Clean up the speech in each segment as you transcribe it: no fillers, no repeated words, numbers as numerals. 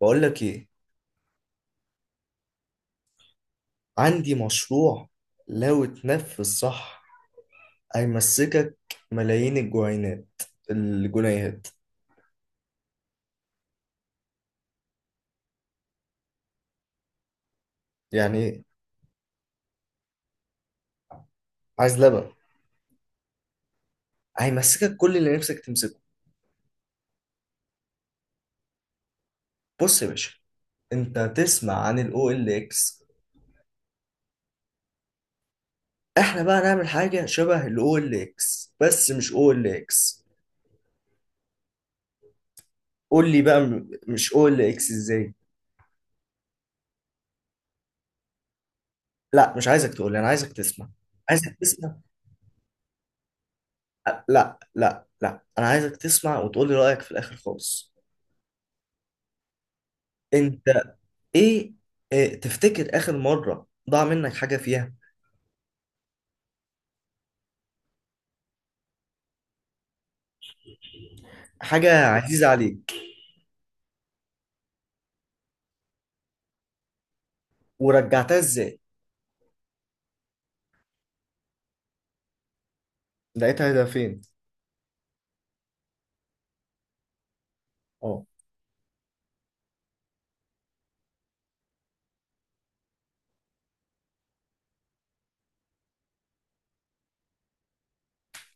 بقول لك ايه؟ عندي مشروع لو اتنفذ صح هيمسكك ملايين الجنيهات. يعني ايه؟ عايز لبن؟ هيمسكك كل اللي نفسك تمسكه. بص يا باشا، انت تسمع عن الاو ال اكس؟ احنا بقى نعمل حاجه شبه الاو ال اكس بس مش او ال اكس. قول لي بقى مش او ال اكس ازاي. لا، مش عايزك تقول لي، انا عايزك تسمع. عايزك تسمع. لا لا لا، انا عايزك تسمع وتقول لي رايك في الاخر خالص. انت، ايه، تفتكر اخر مرة ضاع منك حاجة فيها؟ حاجة عزيزة عليك؟ ورجعتها ازاي؟ لقيتها ده فين؟ اه،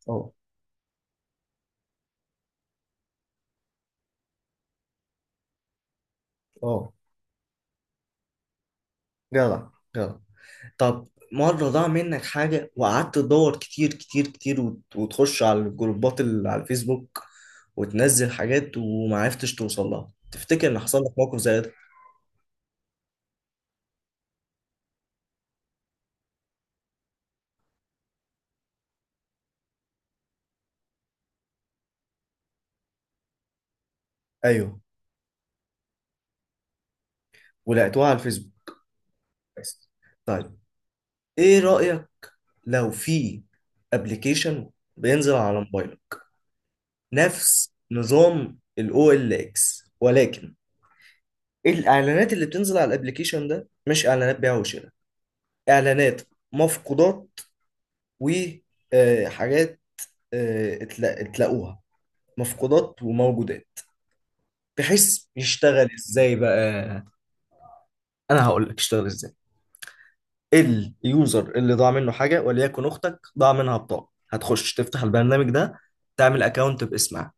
اه، اه. جدع جدع. طب، مرة ضاع منك حاجة وقعدت تدور كتير كتير كتير، وتخش على الجروبات اللي على الفيسبوك وتنزل حاجات ومعرفتش توصل لها، تفتكر ان حصل لك موقف زي ده؟ ايوه. ولقيتوها على الفيسبوك؟ بس. طيب، ايه رأيك لو في ابلكيشن بينزل على موبايلك نفس نظام الاو ال اكس، ولكن الاعلانات اللي بتنزل على الابليكيشن ده مش اعلانات بيع وشراء، اعلانات مفقودات وحاجات تلاقوها، مفقودات وموجودات؟ بحيث يشتغل ازاي بقى؟ انا هقول لك اشتغل ازاي. اليوزر اللي ضاع منه حاجه، وليكن اختك ضاع منها بطاقه، هتخش تفتح البرنامج ده، تعمل اكونت باسمها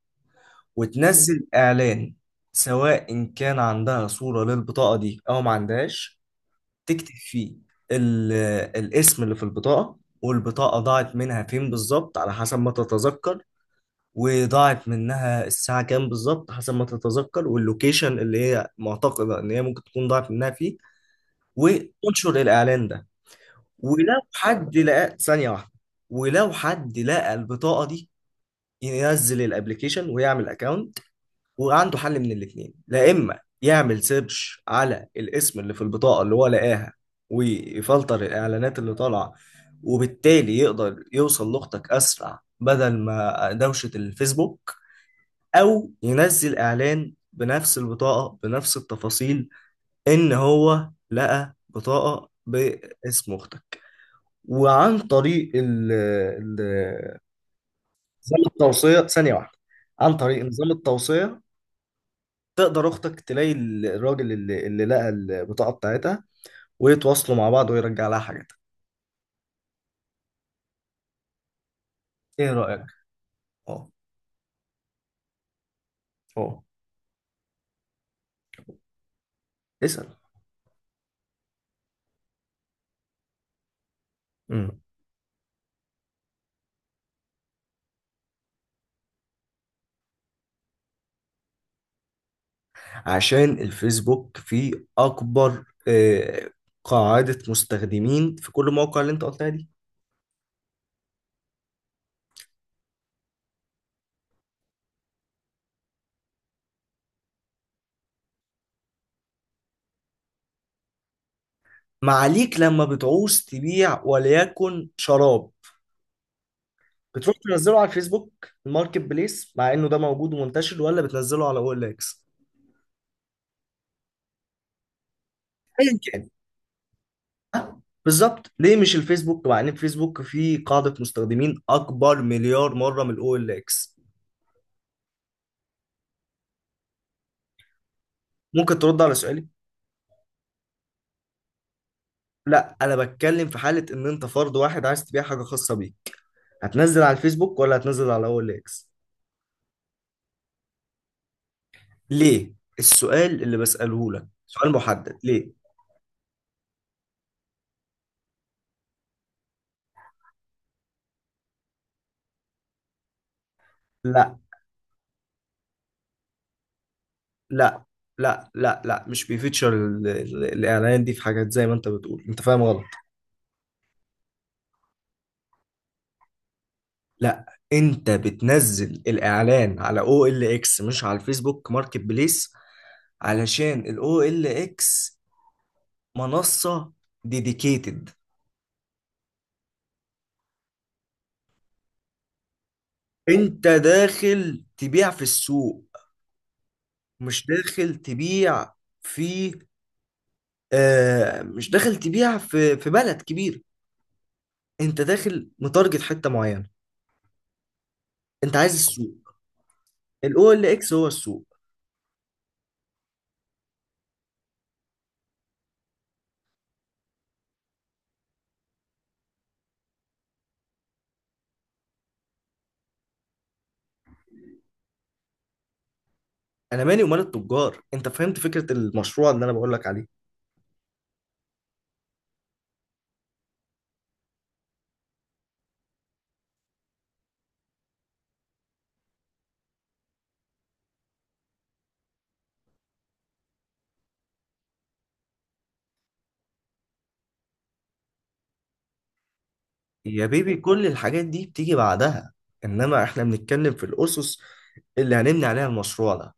وتنزل إعلان. سواء إن كان عندها صورة للبطاقة دي أو ما عندهاش، تكتب فيه ال- الاسم اللي في البطاقة، والبطاقة ضاعت منها فين بالظبط على حسب ما تتذكر، وضاعت منها الساعة كام بالظبط حسب ما تتذكر، واللوكيشن اللي هي معتقدة إن هي ممكن تكون ضاعت منها فيه، وتنشر الإعلان ده. ولو حد لقى ثانية واحدة، ولو حد لقى البطاقة دي، ينزل الابليكيشن ويعمل أكونت. وعنده حل من الاثنين، لا اما يعمل سيرش على الاسم اللي في البطاقه اللي هو لقاها ويفلتر الاعلانات اللي طالعه، وبالتالي يقدر يوصل لاختك اسرع بدل ما دوشه الفيسبوك، او ينزل اعلان بنفس البطاقه بنفس التفاصيل ان هو لقى بطاقه باسم اختك. وعن طريق نظام التوصيه، ثانيه واحده، عن طريق نظام التوصيه تقدر اختك تلاقي الراجل اللي لقى البطاقه بتاعتها، ويتواصلوا مع بعض ويرجع لها حاجتها. ايه رايك؟ اه، اه. اسال. امم عشان الفيسبوك فيه اكبر، قاعده مستخدمين، في كل المواقع اللي انت قلتها دي. ما عليك، لما بتعوز تبيع وليكن شراب، بتروح تنزله على الفيسبوك الماركت بليس مع انه ده موجود ومنتشر، ولا بتنزله على او ال اكس؟ ايا كان، بالظبط، ليه مش الفيسبوك مع ان الفيسبوك فيه قاعدة مستخدمين اكبر مليار مرة من الاو ال اكس؟ ممكن ترد على سؤالي. لا، انا بتكلم في حالة ان انت فرد واحد عايز تبيع حاجة خاصة بيك، هتنزل على الفيسبوك ولا هتنزل على الاو ال اكس؟ ليه؟ السؤال اللي بسأله لك سؤال محدد، ليه؟ لا لا لا لا لا، مش بيفيتشر الاعلان دي في حاجات زي ما انت بتقول، انت فاهم غلط. لا، انت بتنزل الاعلان على او ال اكس مش على الفيسبوك ماركت بليس علشان ال OLX منصة ديديكيتد. انت داخل تبيع في السوق، مش داخل تبيع في مش داخل تبيع في بلد كبير، انت داخل متارجت حتة معينة، انت عايز السوق. ال OLX هو السوق. انا مالي ومال التجار، انت فهمت فكرة المشروع اللي انا بقول لك عليه؟ يا بيبي، كل الحاجات دي بتيجي بعدها، انما احنا بنتكلم في الاسس اللي هنبني عليها المشروع ده،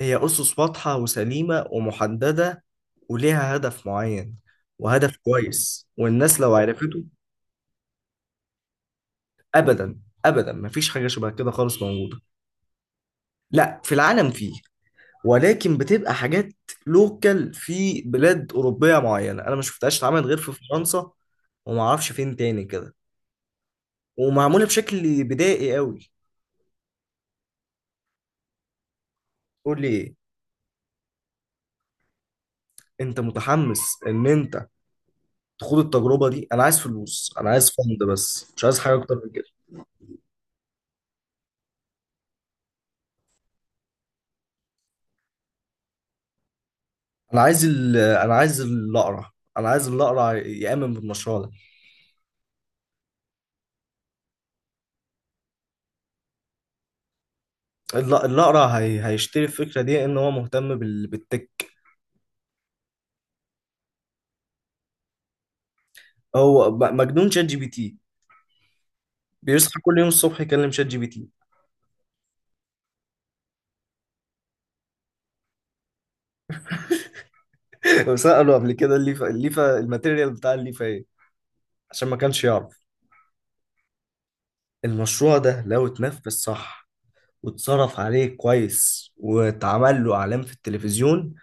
هي أسس واضحة وسليمة ومحددة، وليها هدف معين، وهدف كويس، والناس لو عرفته. أبدا، أبدا مفيش حاجة شبه كده خالص موجودة. لا، في العالم فيه، ولكن بتبقى حاجات لوكال في بلاد أوروبية معينة، أنا ما شفتهاش اتعملت غير في فرنسا، ومعرفش فين تاني كده، ومعمولة بشكل بدائي قوي. قول لي إيه. أنت متحمس إن أنت تخوض التجربة دي؟ أنا عايز فلوس، أنا عايز فند، بس مش عايز حاجة أكتر من كده. انا عايز انا عايز الاقرع، انا عايز الاقرع يامن بالمشروع ده. الاقرع هيشتري الفكره دي ان هو مهتم بالتك. هو مجنون شات جي بي تي، بيصحى كل يوم الصبح يكلم شات جي بي تي. وساله قبل كده الليفه، الماتيريال بتاع الليفه ايه، عشان ما كانش يعرف. المشروع ده لو اتنفذ صح واتصرف عليه كويس واتعمل له اعلان في التلفزيون،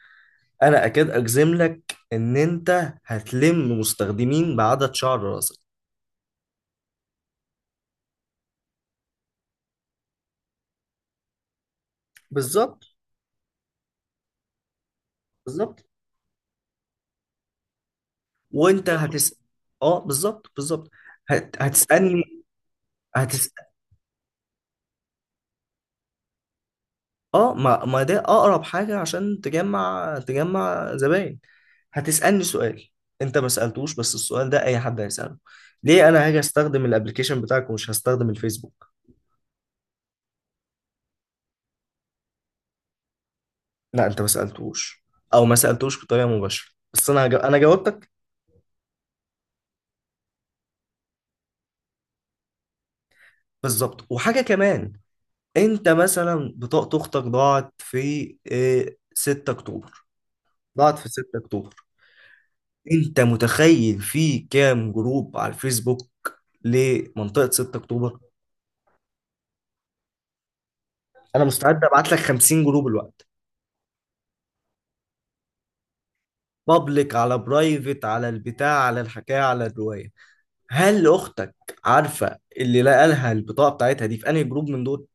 انا اكاد اجزم لك ان انت هتلم مستخدمين بعدد شعر راسك. بالظبط، بالظبط. وانت هتس اه، بالظبط، بالظبط. هتسالني. هتس اه، ما ده اقرب حاجه عشان تجمع زباين. هتسالني سؤال، انت ما سالتوش بس السؤال ده اي حد هيساله، ليه انا هاجي استخدم الابلكيشن بتاعك ومش هستخدم الفيسبوك؟ لا، انت ما سالتوش، او ما سالتوش بطريقه مباشره، بس انا جاوبتك. بالظبط. وحاجه كمان، انت مثلا بطاقه اختك ضاعت في 6 اكتوبر، ضاعت في 6 اكتوبر، انت متخيل في كام جروب على الفيسبوك لمنطقة 6 اكتوبر؟ انا مستعد ابعت لك 50 جروب الوقت، بابليك على برايفت على البتاع على الحكاية على الرواية. هل اختك عارفة اللي لقالها البطاقة بتاعتها دي في انهي جروب من دول؟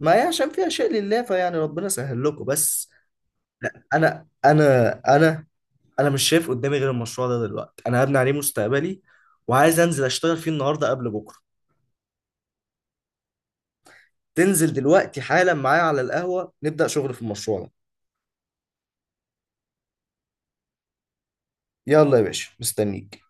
ما هي عشان فيها شيء لله، فيعني ربنا سهل لكم بس. انا انا انا انا مش شايف قدامي غير المشروع ده دلوقتي، انا هبني عليه مستقبلي، وعايز انزل اشتغل فيه النهارده قبل بكره. تنزل دلوقتي حالا معايا على القهوة نبدأ شغل في المشروع ده؟ يلا يا باشا، مستنيك.